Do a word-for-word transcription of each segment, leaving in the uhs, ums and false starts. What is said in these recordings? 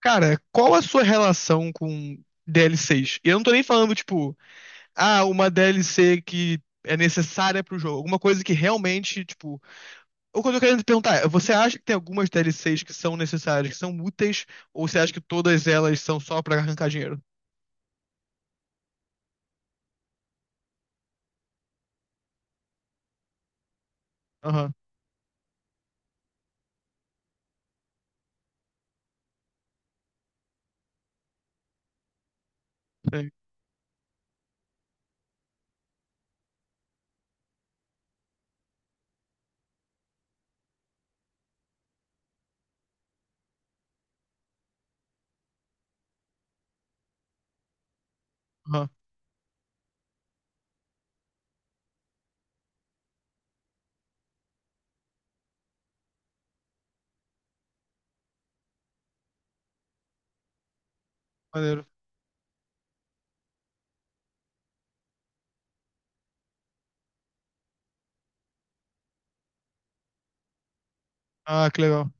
Cara, qual a sua relação com D L Cs? E eu não tô nem falando, tipo, ah, uma D L C que é necessária pro jogo. Alguma coisa que realmente, tipo. O que eu tô querendo te perguntar é: você acha que tem algumas D L Cs que são necessárias, que são úteis, ou você acha que todas elas são só pra arrancar dinheiro? Aham, sim. Aham, maneiro. Ah, que legal.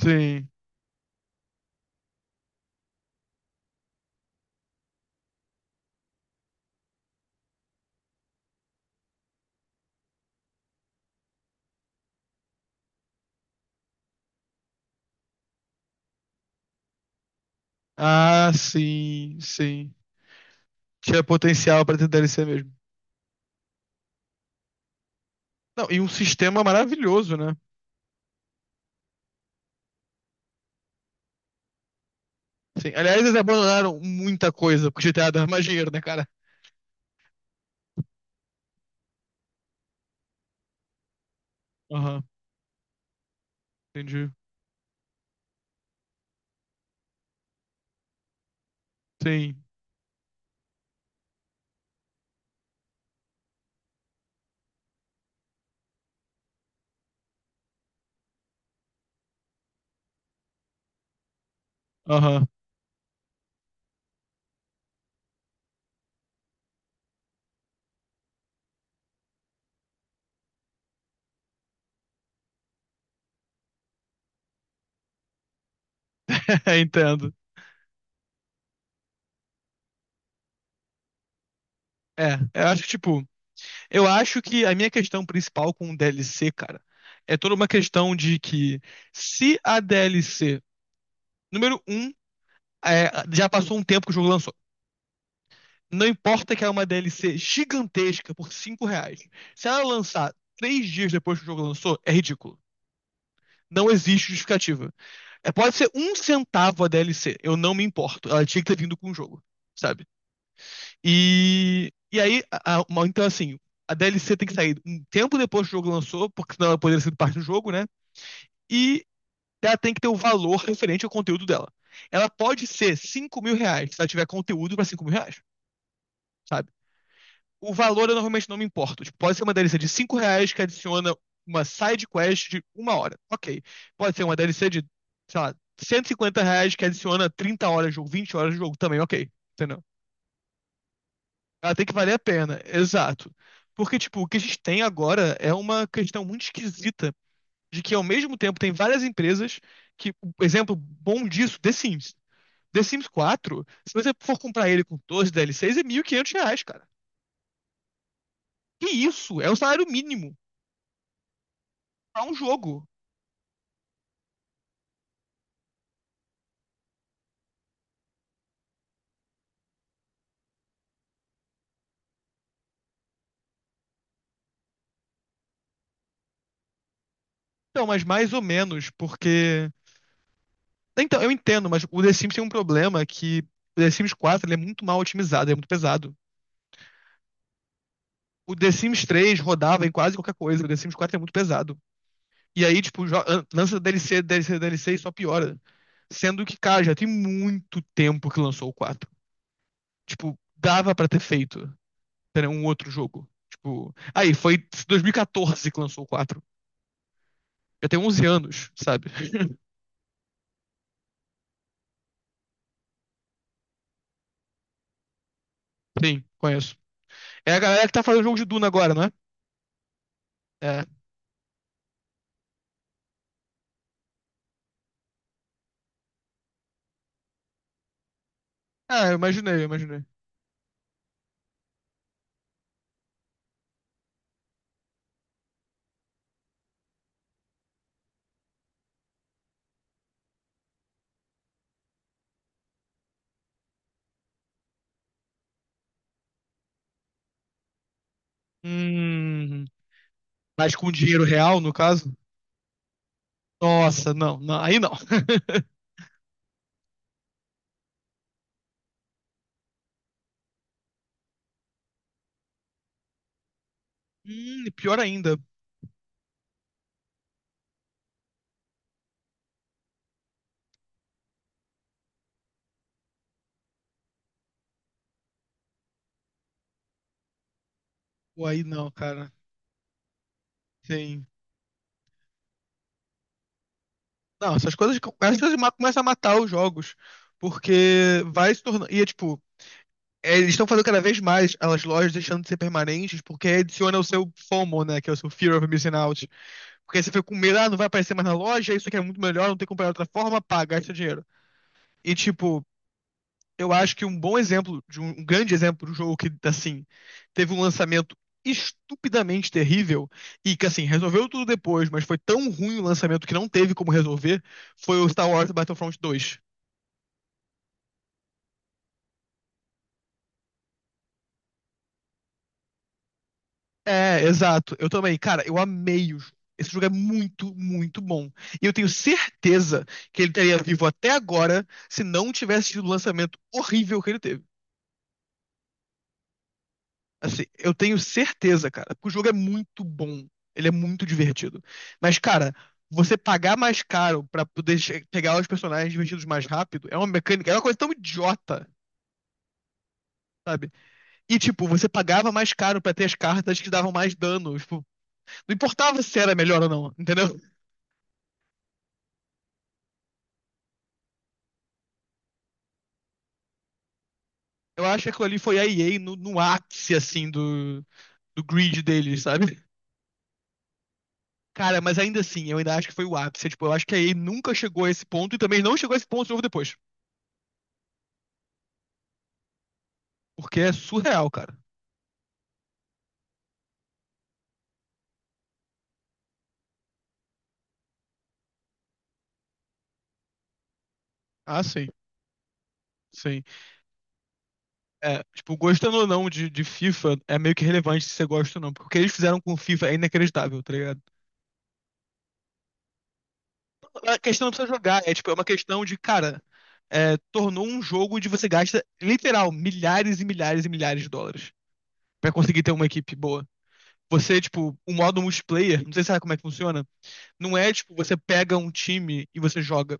Sim. Ah, sim, sim. Tinha potencial pra ter D L C mesmo. Não, e um sistema maravilhoso, né? Sim. Aliás, eles abandonaram muita coisa porque G T A dava mais dinheiro, né, cara? Aham, entendi. Sim. Aham, entendo. É, eu acho que, tipo, eu acho que a minha questão principal com o D L C, cara, é toda uma questão de que se a D L C, número um, é, já passou um tempo que o jogo lançou. Não importa que é uma D L C gigantesca por cinco reais. Se ela lançar três dias depois que o jogo lançou, é ridículo. Não existe justificativa. É, pode ser um centavo a D L C, eu não me importo. Ela tinha que ter vindo com o jogo, sabe? E, e aí, a- a- então assim, a D L C tem que sair um tempo depois que o jogo lançou, porque senão ela poderia ser parte do jogo, né? E ela tem que ter o valor referente ao conteúdo dela. Ela pode ser cinco mil reais, se ela tiver conteúdo pra cinco mil reais, sabe? O valor eu normalmente não me importo. Tipo, pode ser uma D L C de cinco reais que adiciona uma side quest de uma hora. Ok. Pode ser uma D L C de, sei lá, cento e cinquenta reais que adiciona trinta horas de jogo, vinte horas de jogo também, ok. Entendeu? Ela tem que valer a pena. Exato. Porque, tipo, o que a gente tem agora é uma questão muito esquisita de que, ao mesmo tempo, tem várias empresas que, um exemplo bom disso, The Sims. The Sims quatro. Se você for comprar ele com doze D L Cs, é mil e quinhentos reais, cara. Que isso? É o salário mínimo pra um jogo. Então, mas mais ou menos, porque. Então, eu entendo, mas o The Sims tem um problema que o The Sims quatro ele é muito mal otimizado, ele é muito pesado. O The Sims três rodava em quase qualquer coisa, o The Sims quatro é muito pesado. E aí, tipo, jo- an- lança D L C, D L C, D L C e só piora. Sendo que, cara, já tem muito tempo que lançou o quatro. Tipo, dava pra ter feito ter um outro jogo. Tipo, aí, foi dois mil e quatorze que lançou o quatro. Já tem onze anos, sabe? Sim, conheço. É a galera que tá fazendo o jogo de Duna agora, não é? É. Ah, eu imaginei, eu imaginei. Hum, mas com dinheiro real, no caso? Nossa, não, não, aí não. Hum, pior ainda. Pô, aí não, cara. Sim. Não, essas coisas, essas coisas ma- começam a matar os jogos, porque vai se tornando. E é tipo, é, eles estão fazendo cada vez mais as lojas deixando de ser permanentes, porque adiciona o seu FOMO, né? Que é o seu Fear of Missing Out. Porque você fica com medo, ah, não vai aparecer mais na loja, isso aqui é muito melhor, não tem que comprar de outra forma, paga, gasta dinheiro. E tipo, eu acho que um bom exemplo, de um, um grande exemplo de um jogo que, assim, teve um lançamento estupidamente terrível e que, assim, resolveu tudo depois, mas foi tão ruim o lançamento que não teve como resolver, foi o Star Wars Battlefront dois. É, exato. Eu também. Cara, eu amei o jogo. Esse jogo é muito, muito bom. E eu tenho certeza que ele estaria vivo até agora se não tivesse tido o lançamento horrível que ele teve. Assim, eu tenho certeza, cara, porque o jogo é muito bom. Ele é muito divertido. Mas, cara, você pagar mais caro pra poder che- pegar os personagens divertidos mais rápido é uma mecânica, é uma coisa tão idiota, sabe? E, tipo, você pagava mais caro pra ter as cartas que davam mais dano. Tipo, não importava se era melhor ou não, entendeu? Eu acho que aquilo ali foi a E A no, no ápice, assim, do, do grid deles, sabe? Cara, mas ainda assim, eu ainda acho que foi o ápice. Tipo, eu acho que a E A nunca chegou a esse ponto e também não chegou a esse ponto de novo depois. Porque é surreal, cara. Ah, sim, sim. É, tipo, gostando ou não de, de FIFA, é meio que relevante se você gosta ou não, porque o que eles fizeram com o FIFA é inacreditável, tá ligado? A questão não precisa jogar, é tipo, é uma questão de, cara, é, tornou um jogo onde você gasta, literal, milhares e milhares e milhares de dólares pra conseguir ter uma equipe boa. Você, tipo, o modo multiplayer, não sei se sabe como é que funciona, não é, tipo, você pega um time e você joga.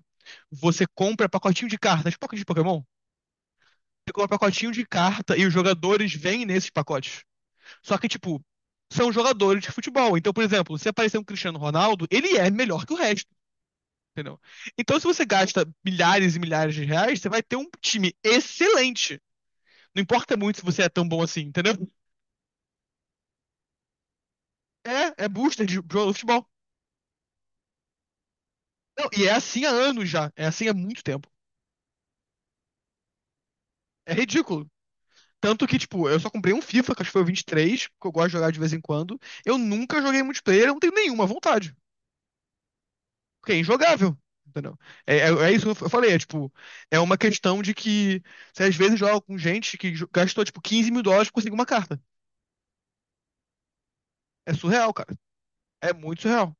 Você compra pacotinho de cartas, tipo pacote de Pokémon. Você compra pacotinho de carta e os jogadores vêm nesses pacotes. Só que, tipo, são jogadores de futebol. Então, por exemplo, se aparecer um Cristiano Ronaldo, ele é melhor que o resto, entendeu? Então, se você gasta milhares e milhares de reais, você vai ter um time excelente. Não importa muito se você é tão bom assim, entendeu? É, é booster de jogador de futebol. Não, e é assim há anos já. É assim há muito tempo. É ridículo. Tanto que, tipo, eu só comprei um FIFA, que acho que foi o vinte e três que eu gosto de jogar de vez em quando. Eu nunca joguei multiplayer, eu não tenho nenhuma vontade. Porque é injogável. Entendeu? É, é, é isso que eu falei, é tipo, é uma questão de que você às vezes joga com gente que jo- gastou tipo quinze mil dólares pra conseguir uma carta. É surreal, cara. É muito surreal.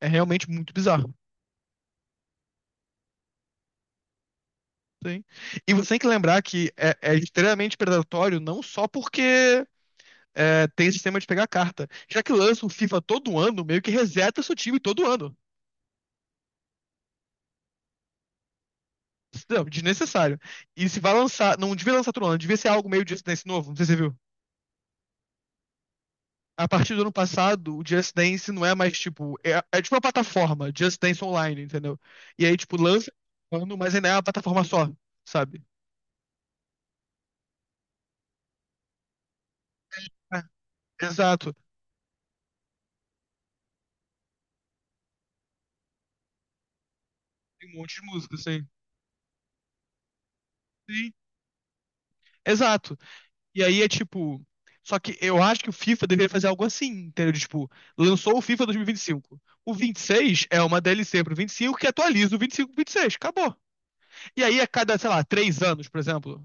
É realmente muito bizarro. Sim. E você tem que lembrar que é, é extremamente predatório, não só porque é, tem sistema de pegar carta. Já que lança o FIFA todo ano, meio que reseta seu time todo ano. Não, desnecessário. E se vai lançar, não devia lançar todo ano, devia ser algo meio disso nesse novo, não sei se você viu. A partir do ano passado, o Just Dance não é mais tipo. É, é tipo uma plataforma, Just Dance Online, entendeu? E aí, tipo, lança um ano, mas ainda é uma plataforma só, sabe? É, exato. Tem um monte de música, assim. Sim, exato. E aí é tipo. Só que eu acho que o FIFA deveria fazer algo assim, entendeu? De, tipo, lançou o FIFA dois mil e vinte e cinco. O vinte e seis é uma D L C pro vinte e cinco que atualiza o vinte e cinco pro vinte e seis. Acabou. E aí, a cada, sei lá, três anos, por exemplo,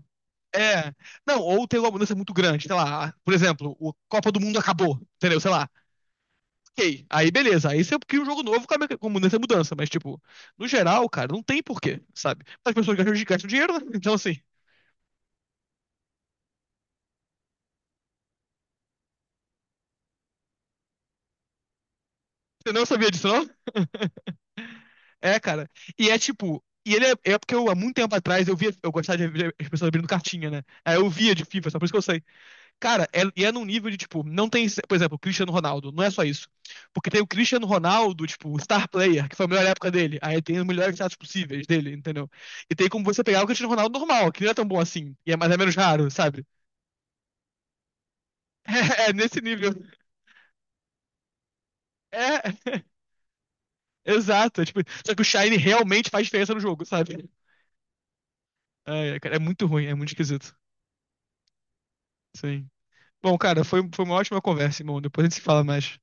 é. Não, ou tem uma mudança muito grande, sei lá. Por exemplo, o Copa do Mundo acabou, entendeu? Sei lá. Ok, aí beleza. Aí você cria um jogo novo com a meca- com mudança e mudança. Mas, tipo, no geral, cara, não tem porquê, sabe? As pessoas gastam, gastam dinheiro, né? Então, assim, você não sabia disso, não? É, cara. E é tipo. E ele é, é porque eu, há muito tempo atrás, eu via. Eu gostava de ver as pessoas abrindo cartinha, né? Aí eu via de FIFA, só por isso que eu sei. Cara, é- e é num nível de, tipo, não tem, por exemplo, o Cristiano Ronaldo, não é só isso. Porque tem o Cristiano Ronaldo, tipo, star player, que foi a melhor época dele. Aí tem os melhores status possíveis dele, entendeu? E tem como você pegar o Cristiano Ronaldo normal, que não é tão bom assim, e é mais ou menos raro, sabe? É, é nesse nível. É, exato. É tipo, só que o Shine realmente faz diferença no jogo, sabe? É, é, cara, é muito ruim, é muito esquisito. Sim. Bom, cara, foi, foi uma ótima conversa, irmão. Depois a gente se fala mais.